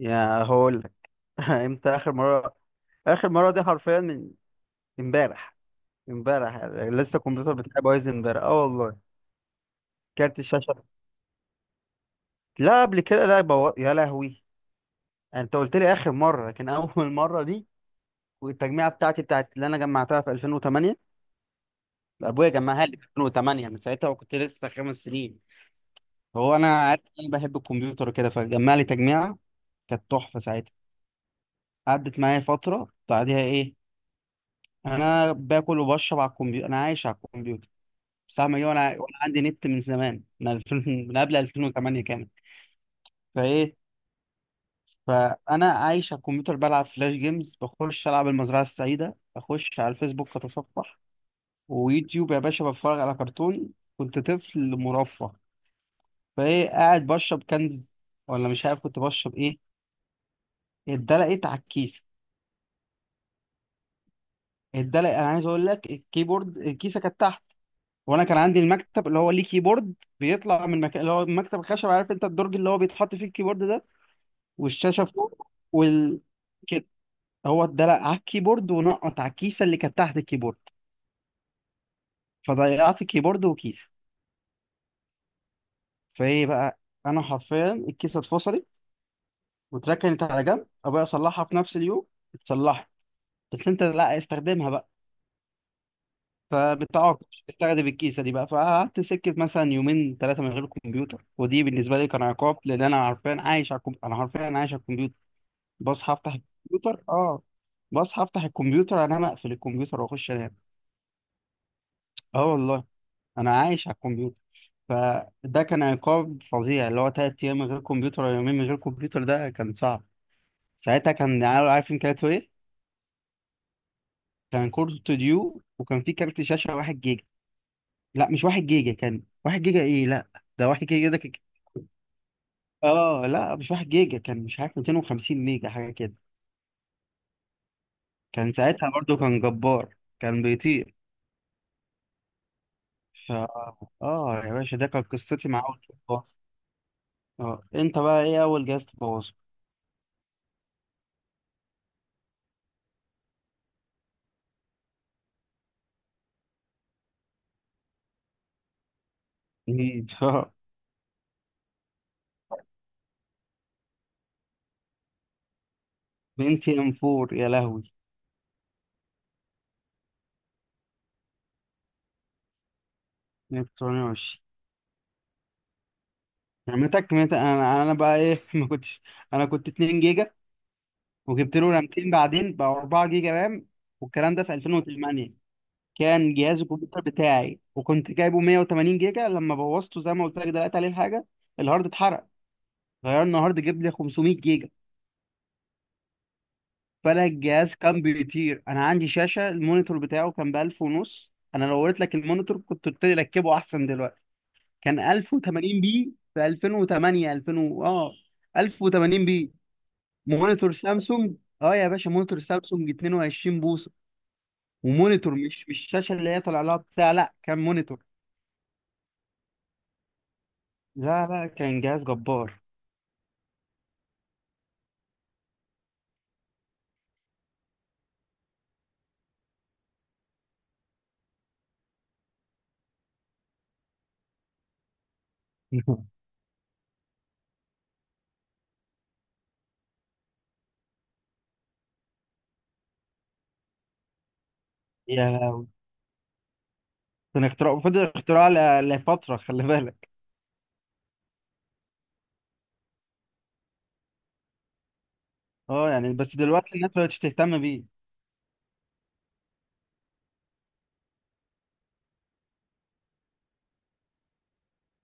يا هقول لك. امتى اخر مره دي حرفيا من امبارح. امبارح يعني لسه الكمبيوتر بتاعي بايظ امبارح، اه والله. كارت الشاشه. لا قبل كده لا يا لهوي، يعني انت قلت لي اخر مره، لكن اول مره دي. والتجميعه بتاعتي بتاعت اللي انا جمعتها في 2008، ابويا جمعها لي في 2008، من ساعتها وكنت لسه خمس سنين. هو انا عارف إن انا بحب الكمبيوتر وكده، فجمع لي تجميعه كانت تحفه ساعتها. قعدت معايا فتره، بعدها ايه، انا باكل وبشرب على الكمبيوتر، انا عايش على الكمبيوتر. فاهمة ايه؟ وانا عندي نت من زمان، من 2000، من قبل 2008 كمان. فايه، فانا عايش على الكمبيوتر، بلعب فلاش جيمز، بخش العب المزرعة السعيدة، اخش على الفيسبوك اتصفح، ويوتيوب يا باشا، بتفرج على كرتون. كنت طفل مرفه. فايه، قاعد بشرب كنز ولا مش عارف كنت بشرب ايه، اتدلقت على الكيسة. اتدلق، انا عايز اقول لك، الكيبورد الكيسة كانت تحت، وانا كان عندي المكتب اللي هو ليه كيبورد بيطلع من مكان، اللي هو المكتب الخشب، عارف انت الدرج اللي هو بيتحط فيه الكيبورد ده، والشاشه فوق، وال كده. هو اتدلق على الكيبورد ونقط على الكيسه اللي كانت تحت الكيبورد، فضيعت الكيبورد وكيسه. فايه بقى، انا حرفيا الكيسه اتفصلت واتركنت على جنب. ابويا صلحها في نفس اليوم، اتصلحت، بس انت لا استخدمها بقى. فبتعاقب استخدم الكيسه دي بقى، فقعدت سكت مثلا يومين ثلاثه من غير كمبيوتر، ودي بالنسبه لي كان عقاب، لان انا حرفيا عايش على انا حرفيا عايش على الكمبيوتر. بصحى افتح الكمبيوتر، اه، بصحى افتح الكمبيوتر، انام اقفل الكمبيوتر واخش انام، اه والله. انا عايش على الكمبيوتر. فده كان عقاب فظيع، اللي هو تلات ايام من غير كمبيوتر او يومين من غير كمبيوتر، ده كان صعب. ساعتها كان عارف، عارفين كانت ايه؟ كان كورت استوديو، وكان في كارت شاشه واحد جيجا. لا مش واحد جيجا، كان واحد جيجا ايه، لا. ده واحد جيجا ده كان، اه لا مش واحد جيجا، كان مش عارف 250 ميجا حاجه كده. كان ساعتها برضو كان جبار، كان بيطير. ف اه يا باشا، ده كانت قصتي مع اول جهاز. اه انت بقى ايه اول جهاز تبوظه؟ مم. بنتي ام 4، يا لهوي. 128، رمتك انا بقى ايه؟ ما كنتش، انا كنت 2 جيجا، وجبت له رامتين بعدين بقى 4 جيجا رام. والكلام ده في 2008، كان جهاز الكمبيوتر بتاعي، وكنت جايبه 180 جيجا. لما بوظته، زي ما قلت لك دلوقتي عليه الحاجه، الهارد اتحرق، غيرنا هارد، جاب لي 500 جيجا. فانا الجهاز كان بيطير. انا عندي شاشه المونيتور بتاعه كان ب 1000 ونص. انا لو وريت لك المونيتور كنت قلت لي ركبه احسن دلوقتي. كان 1080 بي في 2008، 2000 اه، 1080 بي. مونيتور سامسونج. اه يا باشا، مونيتور سامسونج 22 بوصه. ومونيتور مش الشاشه اللي هي طالع لها بتاع، لا كان مونيتور. لا لا، كان جهاز جبار. يا، كان اختراع، فضل اختراع لفتره، خلي بالك. اه يعني بس دلوقتي الناس مبقتش تهتم بيه.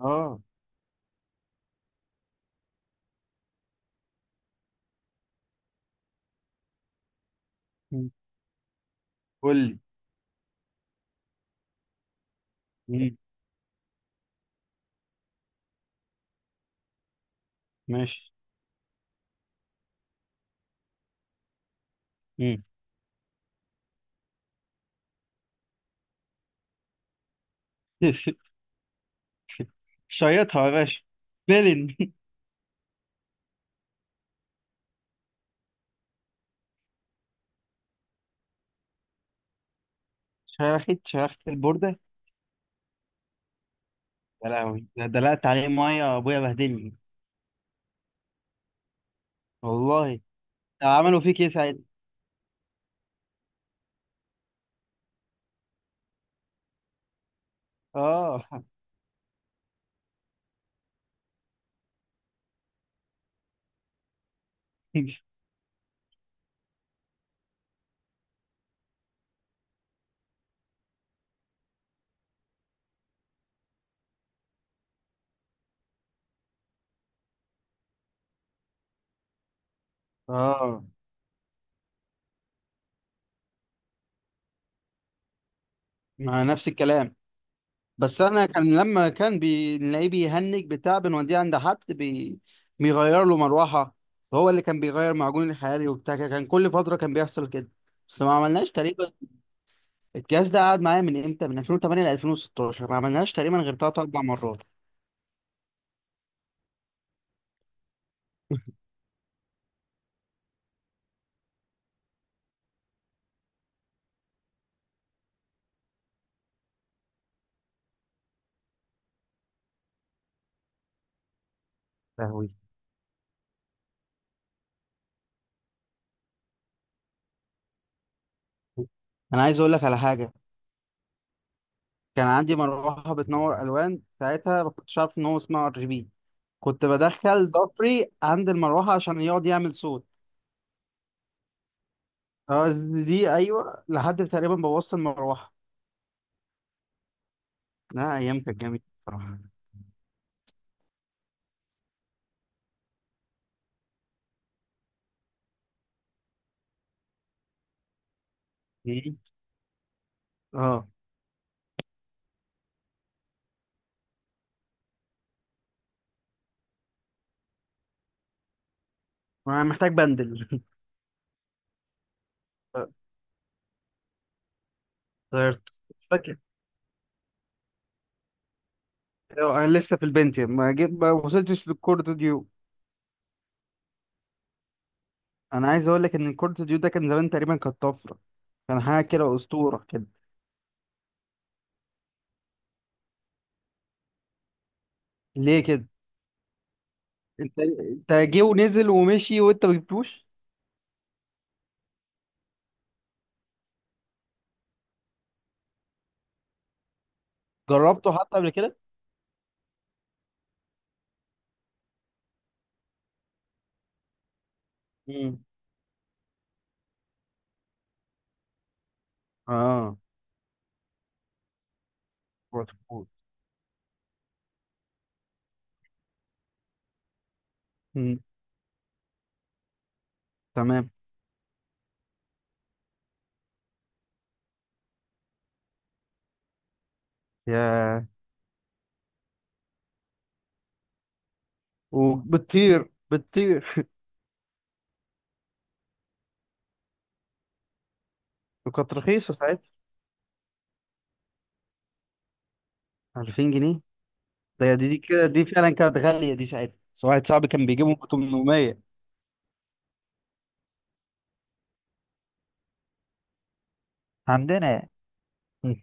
اه. مم. قول لي. مم. ماشي. مم. شيطها يا باشا. فيلن. شرخت البورده. يا لهوي، ده دلقت عليه ميه ابويا بهدلني والله. عملوا فيك ايه ساعتها؟ اه اه. مع نفس الكلام. بس انا كان لما كان بنلاقيه بيهنج بتاع، بنوديه عند حد بيغير له مروحه. هو اللي كان بيغير معجون الحراري وبتاع كده، كان كل فتره كان بيحصل كده. بس ما عملناش تقريبا، الجهاز ده قعد معايا من امتى، من 2008 ل 2016، ما عملناش تقريبا غير ثلاث اربع مرات. لهوي. انا عايز اقول لك على حاجه، كان عندي مروحة بتنور ألوان ساعتها، ما كنتش عارف إن هو اسمه ار جي بي، كنت بدخل ضفري عند المروحة عشان يقعد يعمل صوت. اه، دي أيوه، لحد تقريبا بوظت المروحة. لا أيام كانت جميلة بصراحة. إيه؟ اه، أنا محتاج بندل. غيرت. مش فاكر. أيوة، أنا لسه في البنتيوم، ما جيت ما وصلتش للكورت ديو. أنا عايز أقول لك إن الكورت ديو ده كان زمان تقريبا كانت طفرة، كان حاجة كده أسطورة كده. ليه كده؟ أنت جه ونزل ومشي وأنت ما جبتوش؟ جربته حتى قبل كده؟ مم. اه، بروتوكول. مم. تمام. يا، وبتطير بتطير. وكانت رخيصة ساعتها. 2000 جنيه. ده دي كده دي فعلا كانت غالية دي ساعتها، بس واحد صاحبي كان بيجيبهم ب 800. عندنا يعني. مم.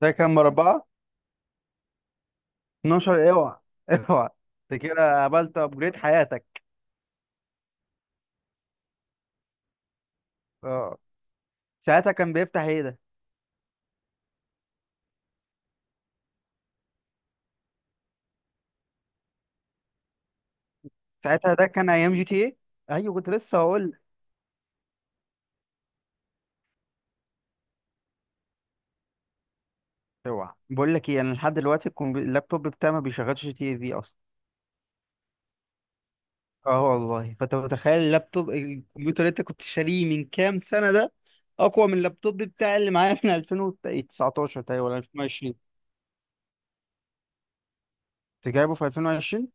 ده كان مربعة. 12، اوعى، اوعى. انت كده قابلت ابجريد حياتك. اه. ساعتها كان بيفتح ايه ده؟ ساعتها ده كان ايام جي تي ايه؟ ايوه، كنت لسه هقول لك. اوعى، بقول لك ايه، انا لحد دلوقتي اللابتوب بتاعي ما بيشغلش جي تي اي في اصلا. اه والله. فانت متخيل اللابتوب، الكمبيوتر اللي انت كنت شاريه من كام سنة ده اقوى من اللابتوب بتاعي اللي معايا من 2019 تقريبا ولا 2020. انت جايبه في 2020؟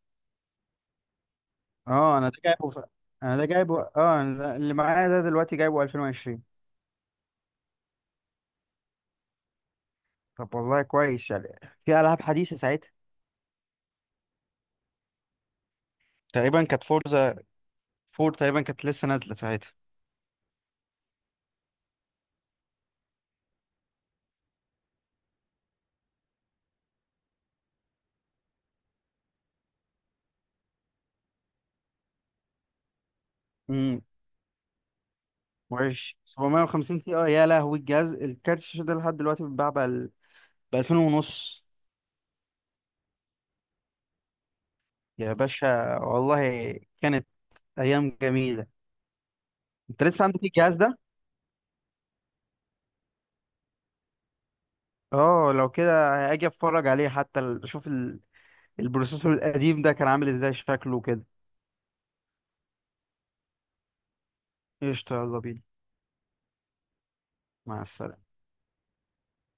اه، انا ده جايبه في، انا ده جايبه، اه، أنا ده، اللي معايا ده دلوقتي جايبه 2020. طب والله كويس. يعني في العاب حديثة ساعتها. تقريبا كانت فورزا فور تقريبا كانت لسه نازلة ساعتها. امم. وحش 750 تي، اه يا لهوي، الجهاز، الكارت الشاشة ده لحد دلوقتي بيتباع ب 2000 ونص. يا باشا والله. كانت ايام جميله. انت لسه عندك الجهاز ده؟ اه لو كده اجي اتفرج عليه، حتى اشوف البروسيسور القديم ده كان عامل ازاي، شكله كده. قشطه يلا بينا. مع السلامه.